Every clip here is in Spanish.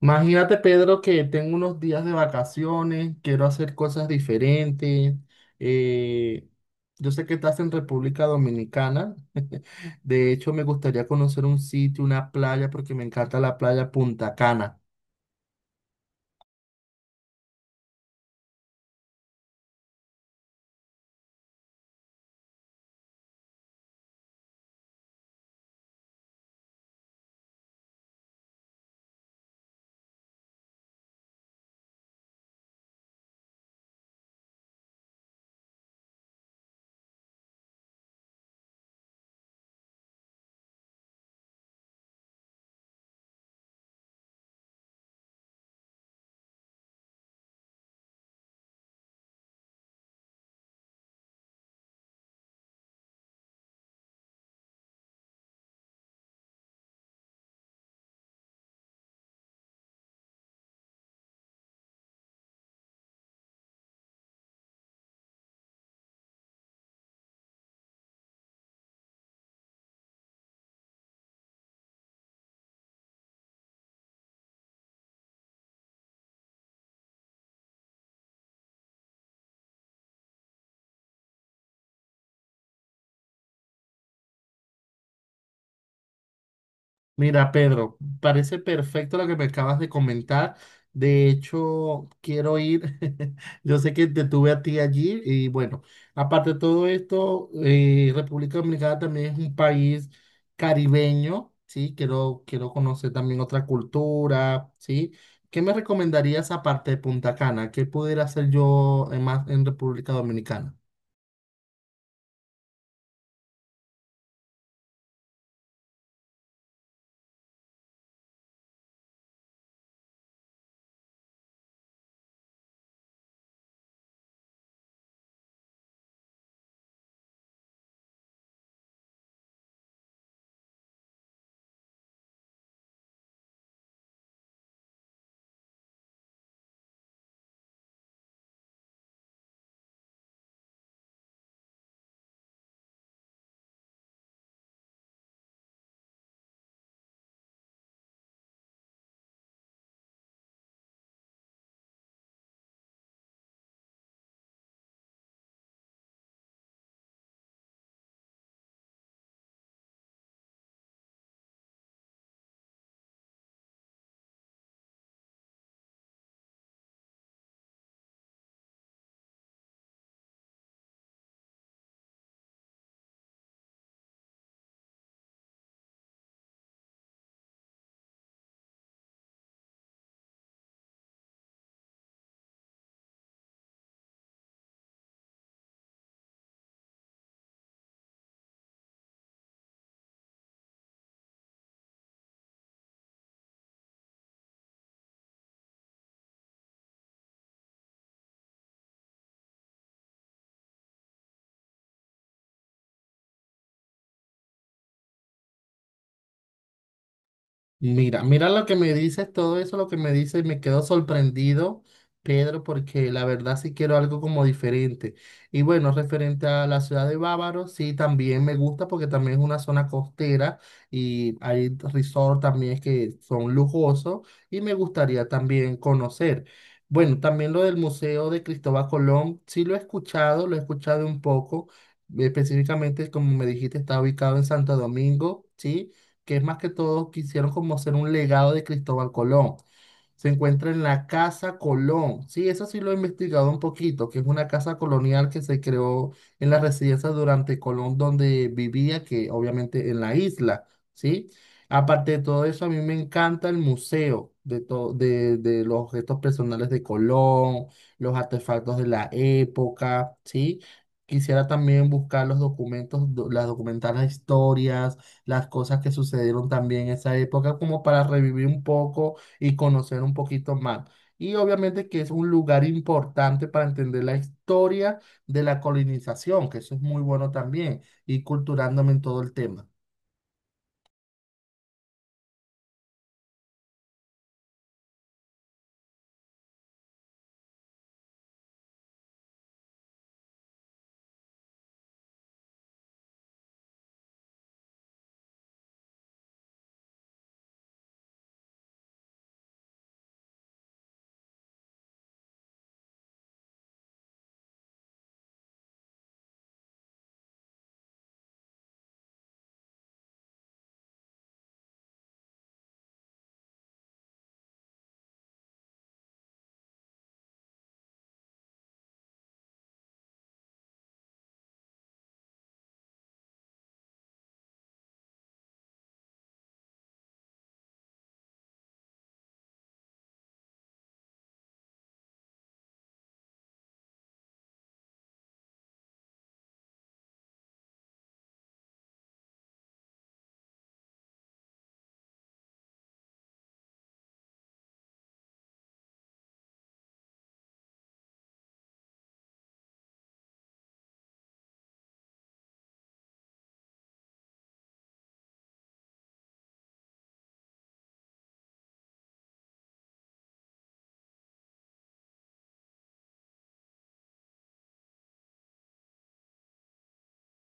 Imagínate, Pedro, que tengo unos días de vacaciones, quiero hacer cosas diferentes. eh, yo sé que estás en República Dominicana. De hecho, me gustaría conocer un sitio, una playa, porque me encanta la playa Punta Cana. Mira, Pedro, parece perfecto lo que me acabas de comentar. De hecho, quiero ir. Yo sé que te tuve a ti allí y bueno, aparte de todo esto, República Dominicana también es un país caribeño, ¿sí? Quiero conocer también otra cultura, ¿sí? ¿Qué me recomendarías aparte de Punta Cana? ¿Qué pudiera hacer yo más en República Dominicana? Mira lo que me dices, todo eso lo que me dices, me quedo sorprendido, Pedro, porque la verdad sí quiero algo como diferente. Y bueno, referente a la ciudad de Bávaro, sí, también me gusta porque también es una zona costera y hay resort también que son lujosos y me gustaría también conocer. Bueno, también lo del Museo de Cristóbal Colón, sí lo he escuchado un poco, específicamente como me dijiste, está ubicado en Santo Domingo, ¿sí? Que es más que todo quisieron como ser un legado de Cristóbal Colón. Se encuentra en la Casa Colón. Sí, eso sí lo he investigado un poquito, que es una casa colonial que se creó en las residencias durante Colón, donde vivía, que obviamente en la isla, ¿sí? Aparte de todo eso, a mí me encanta el museo de, de los objetos personales de Colón, los artefactos de la época, ¿sí? Quisiera también buscar los documentos, las documentales historias, las cosas que sucedieron también en esa época, como para revivir un poco y conocer un poquito más. Y obviamente que es un lugar importante para entender la historia de la colonización, que eso es muy bueno también, y culturándome en todo el tema.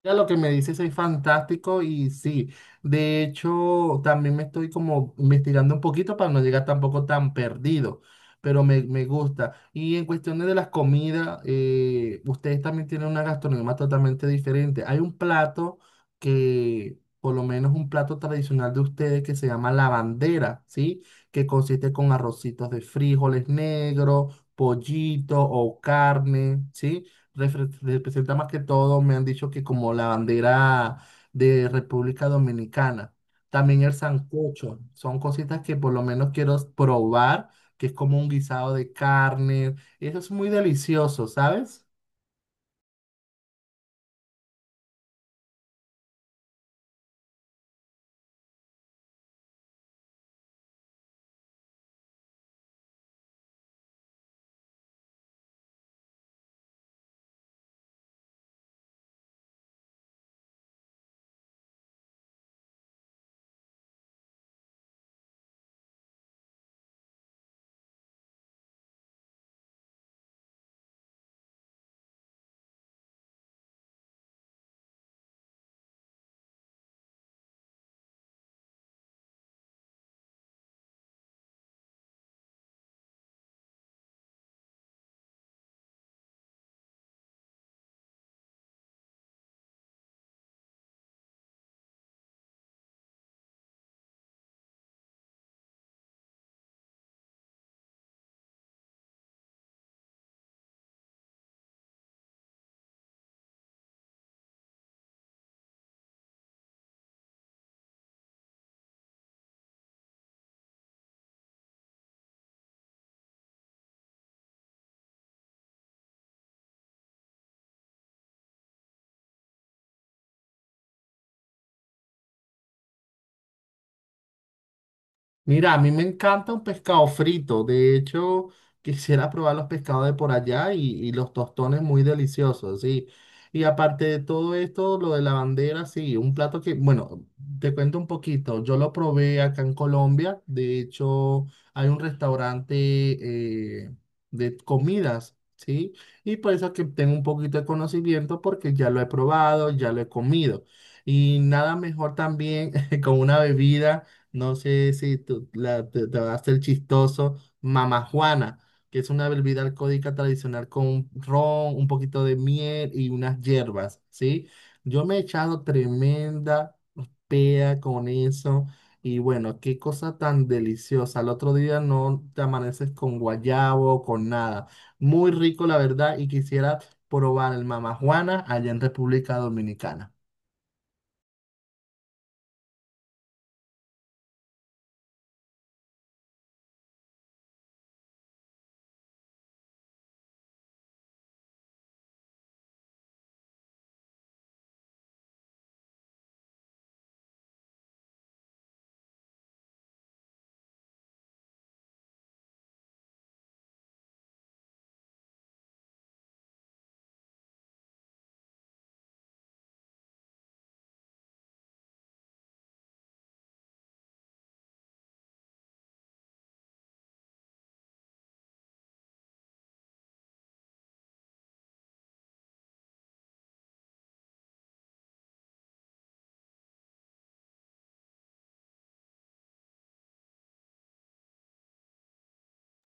Mira, lo que me dices es fantástico y sí, de hecho también me estoy como investigando un poquito para no llegar tampoco tan perdido, pero me gusta. Y en cuestiones de las comidas, ustedes también tienen una gastronomía totalmente diferente. Hay un plato que, por lo menos un plato tradicional de ustedes que se llama la bandera, ¿sí? Que consiste con arrocitos de frijoles negros, pollito o carne, ¿sí? Representa más que todo, me han dicho que como la bandera de República Dominicana. También el sancocho. Son cositas que por lo menos quiero probar, que es como un guisado de carne. Eso es muy delicioso, ¿sabes? Mira, a mí me encanta un pescado frito. De hecho, quisiera probar los pescados de por allá y los tostones muy deliciosos, sí. Y aparte de todo esto, lo de la bandera, sí, un plato que, bueno, te cuento un poquito. Yo lo probé acá en Colombia. De hecho, hay un restaurante eh, de comidas, sí. Y por eso que tengo un poquito de conocimiento porque ya lo he probado, ya lo he comido. Y nada mejor también con una bebida. No sé si te va a hacer chistoso, Mamá Juana, que es una bebida alcohólica tradicional con ron, un poquito de miel y unas hierbas, ¿sí? Yo me he echado tremenda pea con eso y bueno, qué cosa tan deliciosa. Al otro día no te amaneces con guayabo, con nada. Muy rico, la verdad, y quisiera probar el Mamá Juana allá en República Dominicana.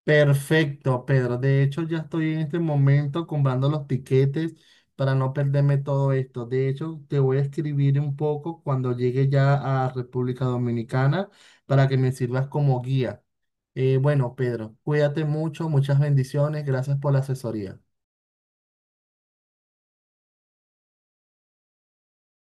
Perfecto, Pedro. De hecho, ya estoy en este momento comprando los tiquetes para no perderme todo esto. De hecho, te voy a escribir un poco cuando llegue ya a República Dominicana para que me sirvas como guía. Bueno, Pedro, cuídate mucho, muchas bendiciones, gracias por la asesoría.